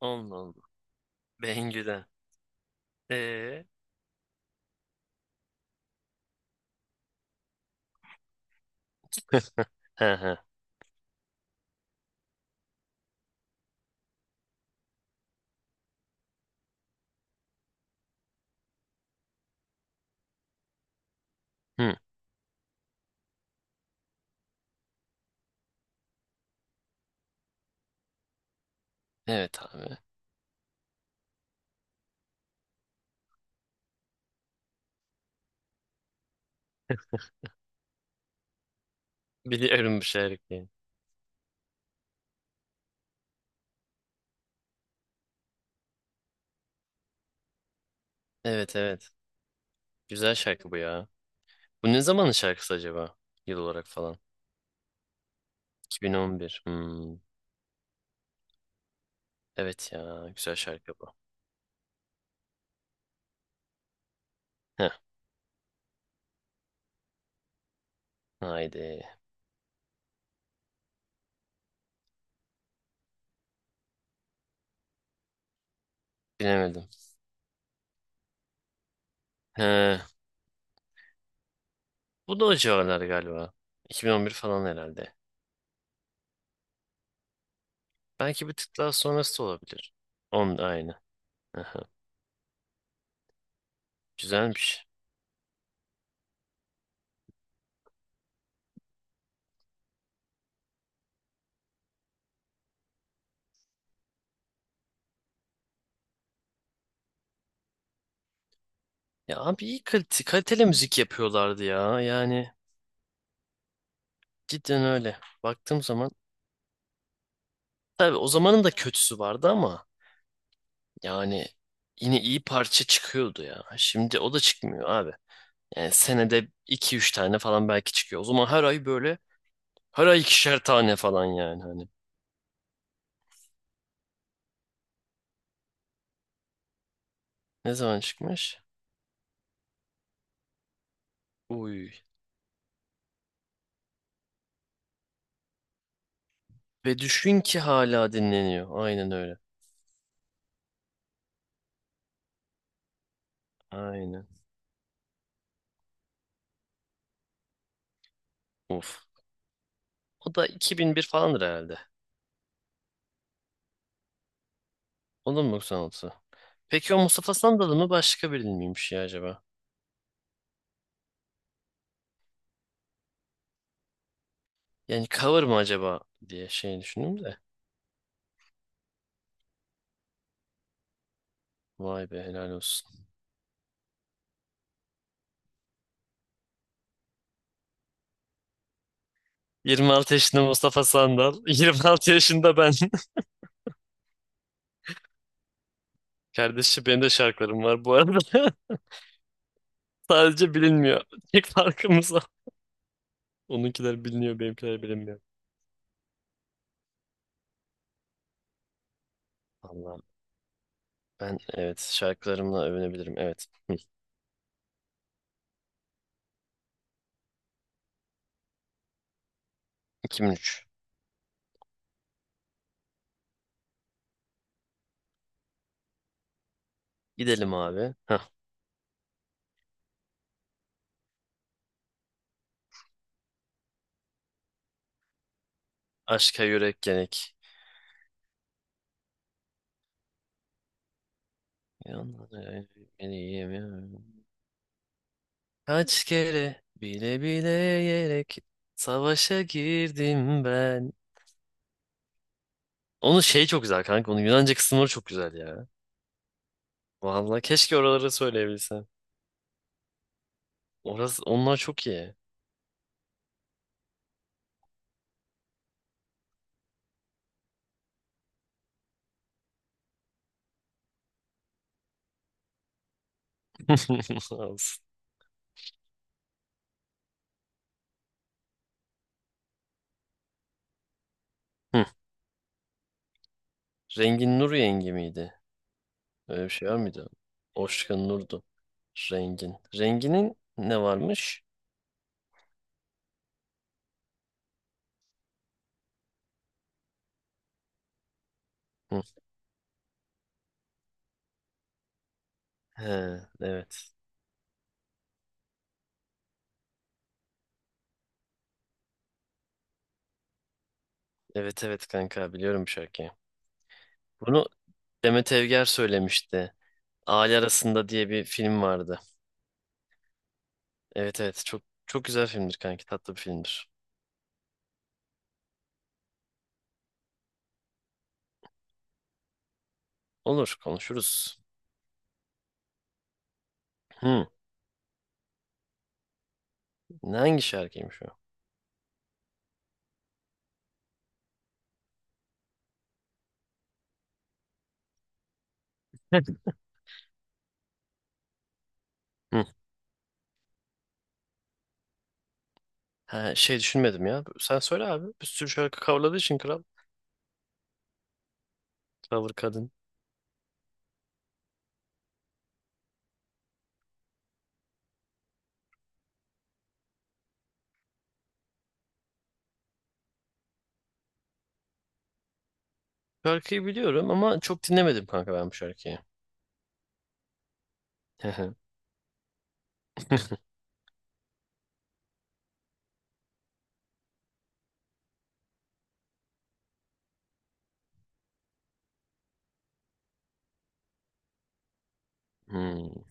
Allah Allah. Bengü'den. Ee? He he. Hı. Evet abi. Biliyorum bu şarkıyı. Evet evet. Güzel şarkı bu ya. Bu ne zamanın şarkısı acaba? Yıl olarak falan. 2011. Hmm. Evet ya. Güzel şarkı bu. Heh. Haydi. Bilemedim. He. Bu da o civarlar galiba. 2011 falan herhalde. Belki bir tık daha sonrası da olabilir. On da aynı. Aha. Güzelmiş. Ya abi iyi kalite, kaliteli müzik yapıyorlardı ya. Yani cidden öyle. Baktığım zaman tabii o zamanın da kötüsü vardı ama yani yine iyi parça çıkıyordu ya. Şimdi o da çıkmıyor abi. Yani senede iki üç tane falan belki çıkıyor. O zaman her ay böyle her ay ikişer tane falan yani hani. Ne zaman çıkmış? Uy. Ve düşün ki hala dinleniyor. Aynen öyle. Aynen. Uf. O da 2001 falandır herhalde. O da mı mu. 96? Peki o Mustafa Sandal mı başka biri miymiş ya acaba? Yani cover mı acaba diye şey düşündüm de. Vay be helal olsun. 26 yaşında Mustafa Sandal. 26 yaşında ben. Kardeşim benim de şarkılarım var bu arada. Sadece bilinmiyor. Tek farkımız o. Onunkiler biliniyor, benimkiler bilinmiyor. Allah'ım. Ben evet şarkılarımla övünebilirim. Evet. Hı. 2003. Gidelim abi. Hah. Aşka yürek gerek. Yanlara eğilmeliyim ya. Kaç kere bile bile yerek savaşa girdim ben. Onun şey çok güzel kanka. Onun Yunanca kısımları çok güzel ya. Vallahi keşke oraları söyleyebilsem. Orası, onlar çok iyi. Olsun. Hı. Rengin Nur yengi miydi? Öyle bir şey var mıydı? Oşkun Nur'du. Rengin. Renginin ne varmış? Hı. He, evet. Evet evet kanka biliyorum bu şarkıyı. Bunu Demet Evger söylemişti. Aile Arasında diye bir film vardı. Evet evet çok çok güzel filmdir kanki tatlı bir filmdir. Olur konuşuruz. Hı. Ne hangi şarkıymış o? Hı. Ha, şey düşünmedim ya. Sen söyle abi. Bir sürü şarkı coverladığı için kral. Cover kadın. Şarkıyı biliyorum ama çok dinlemedim kanka ben bu şarkıyı. hmm,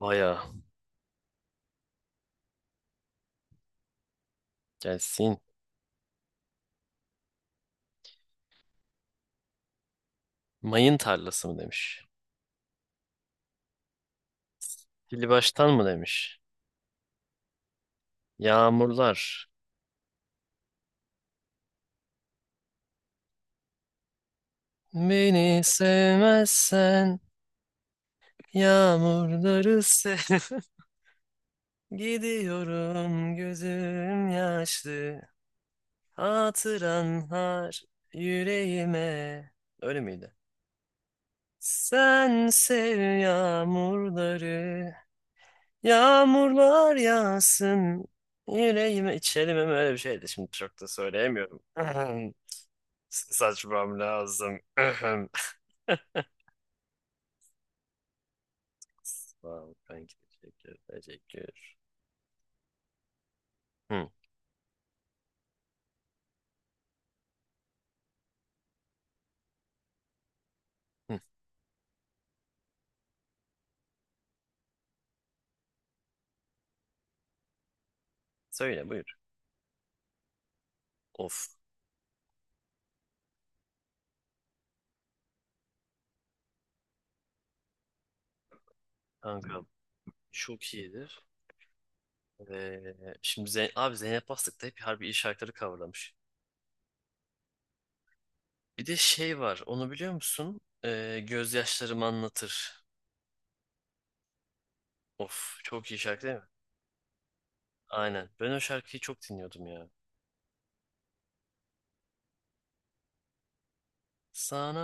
bayağı. Gelsin. Mayın tarlası mı demiş. Dili baştan mı demiş. Yağmurlar. Beni sevmezsen yağmurları sev. Gidiyorum gözüm yaşlı. Hatıran har yüreğime. Öyle miydi? Sen sev yağmurları, yağmurlar yağsın yüreğime. İçelim mi öyle bir şeydi. Şimdi çok da söyleyemiyorum. Ses açmam lazım. Sağ ol kanki. Teşekkür, teşekkür. Hı, hı. Söyle buyur. Of kanka çok iyidir. Ve şimdi Zeyn abi Zeynep Bastık da hep harbi iyi şarkıları coverlamış. Bir de şey var onu biliyor musun? Gözyaşlarım anlatır. Of çok iyi şarkı değil mi? Aynen. Ben o şarkıyı çok dinliyordum ya. Sana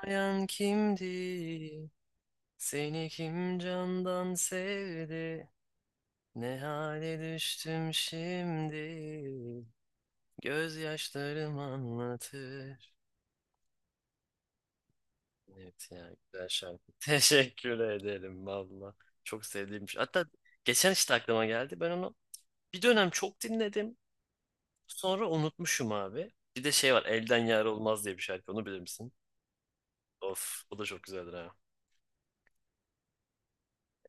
ağlayan kimdi? Seni kim candan sevdi? Ne hale düştüm şimdi? Gözyaşlarım anlatır. Evet ya güzel şarkı. Teşekkür ederim valla. Çok sevdiğim bir şey. Hatta geçen işte aklıma geldi. Ben onu bir dönem çok dinledim. Sonra unutmuşum abi. Bir de şey var Elden Yar Olmaz diye bir şarkı. Onu bilir misin? Of bu da çok güzeldir ha.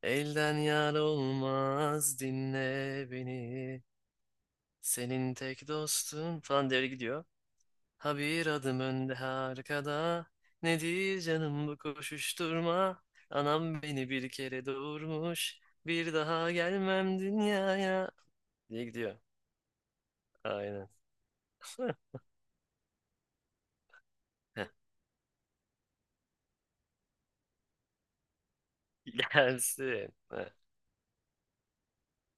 Elden yar olmaz dinle beni. Senin tek dostun falan devre gidiyor. Ha bir adım önde ha arkada. Nedir canım bu koşuşturma? Anam beni bir kere doğurmuş. Bir daha gelmem dünyaya. Diye gidiyor. Aynen. Heh, gelsin. Heh,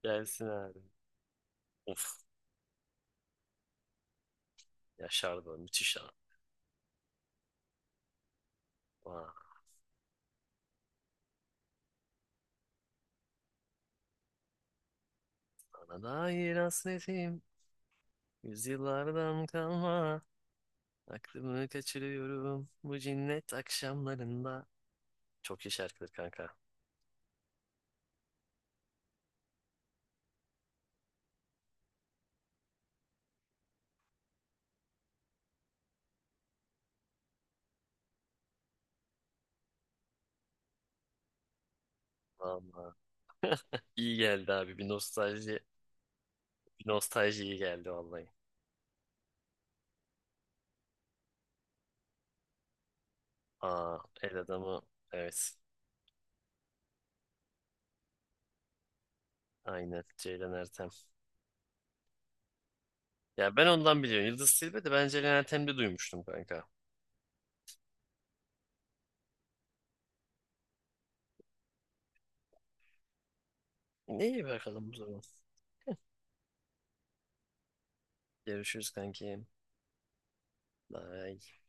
gelsin abi. Of. Yaşar da müthiş ha. Vay, ana dair hasretim. Yüzyıllardan kalma. Aklımı kaçırıyorum bu cinnet akşamlarında. Çok iyi şarkıdır kanka. Vallahi. İyi geldi abi. Bir nostalji iyi geldi vallahi. Aa, el adamı. Evet. Aynen. Ceylan Ertem. Ya ben ondan biliyorum. Yıldız Tilbe de ben Ceylan Ertem'de duymuştum kanka. İyi bakalım bu zaman. Görüşürüz kanki. Bye.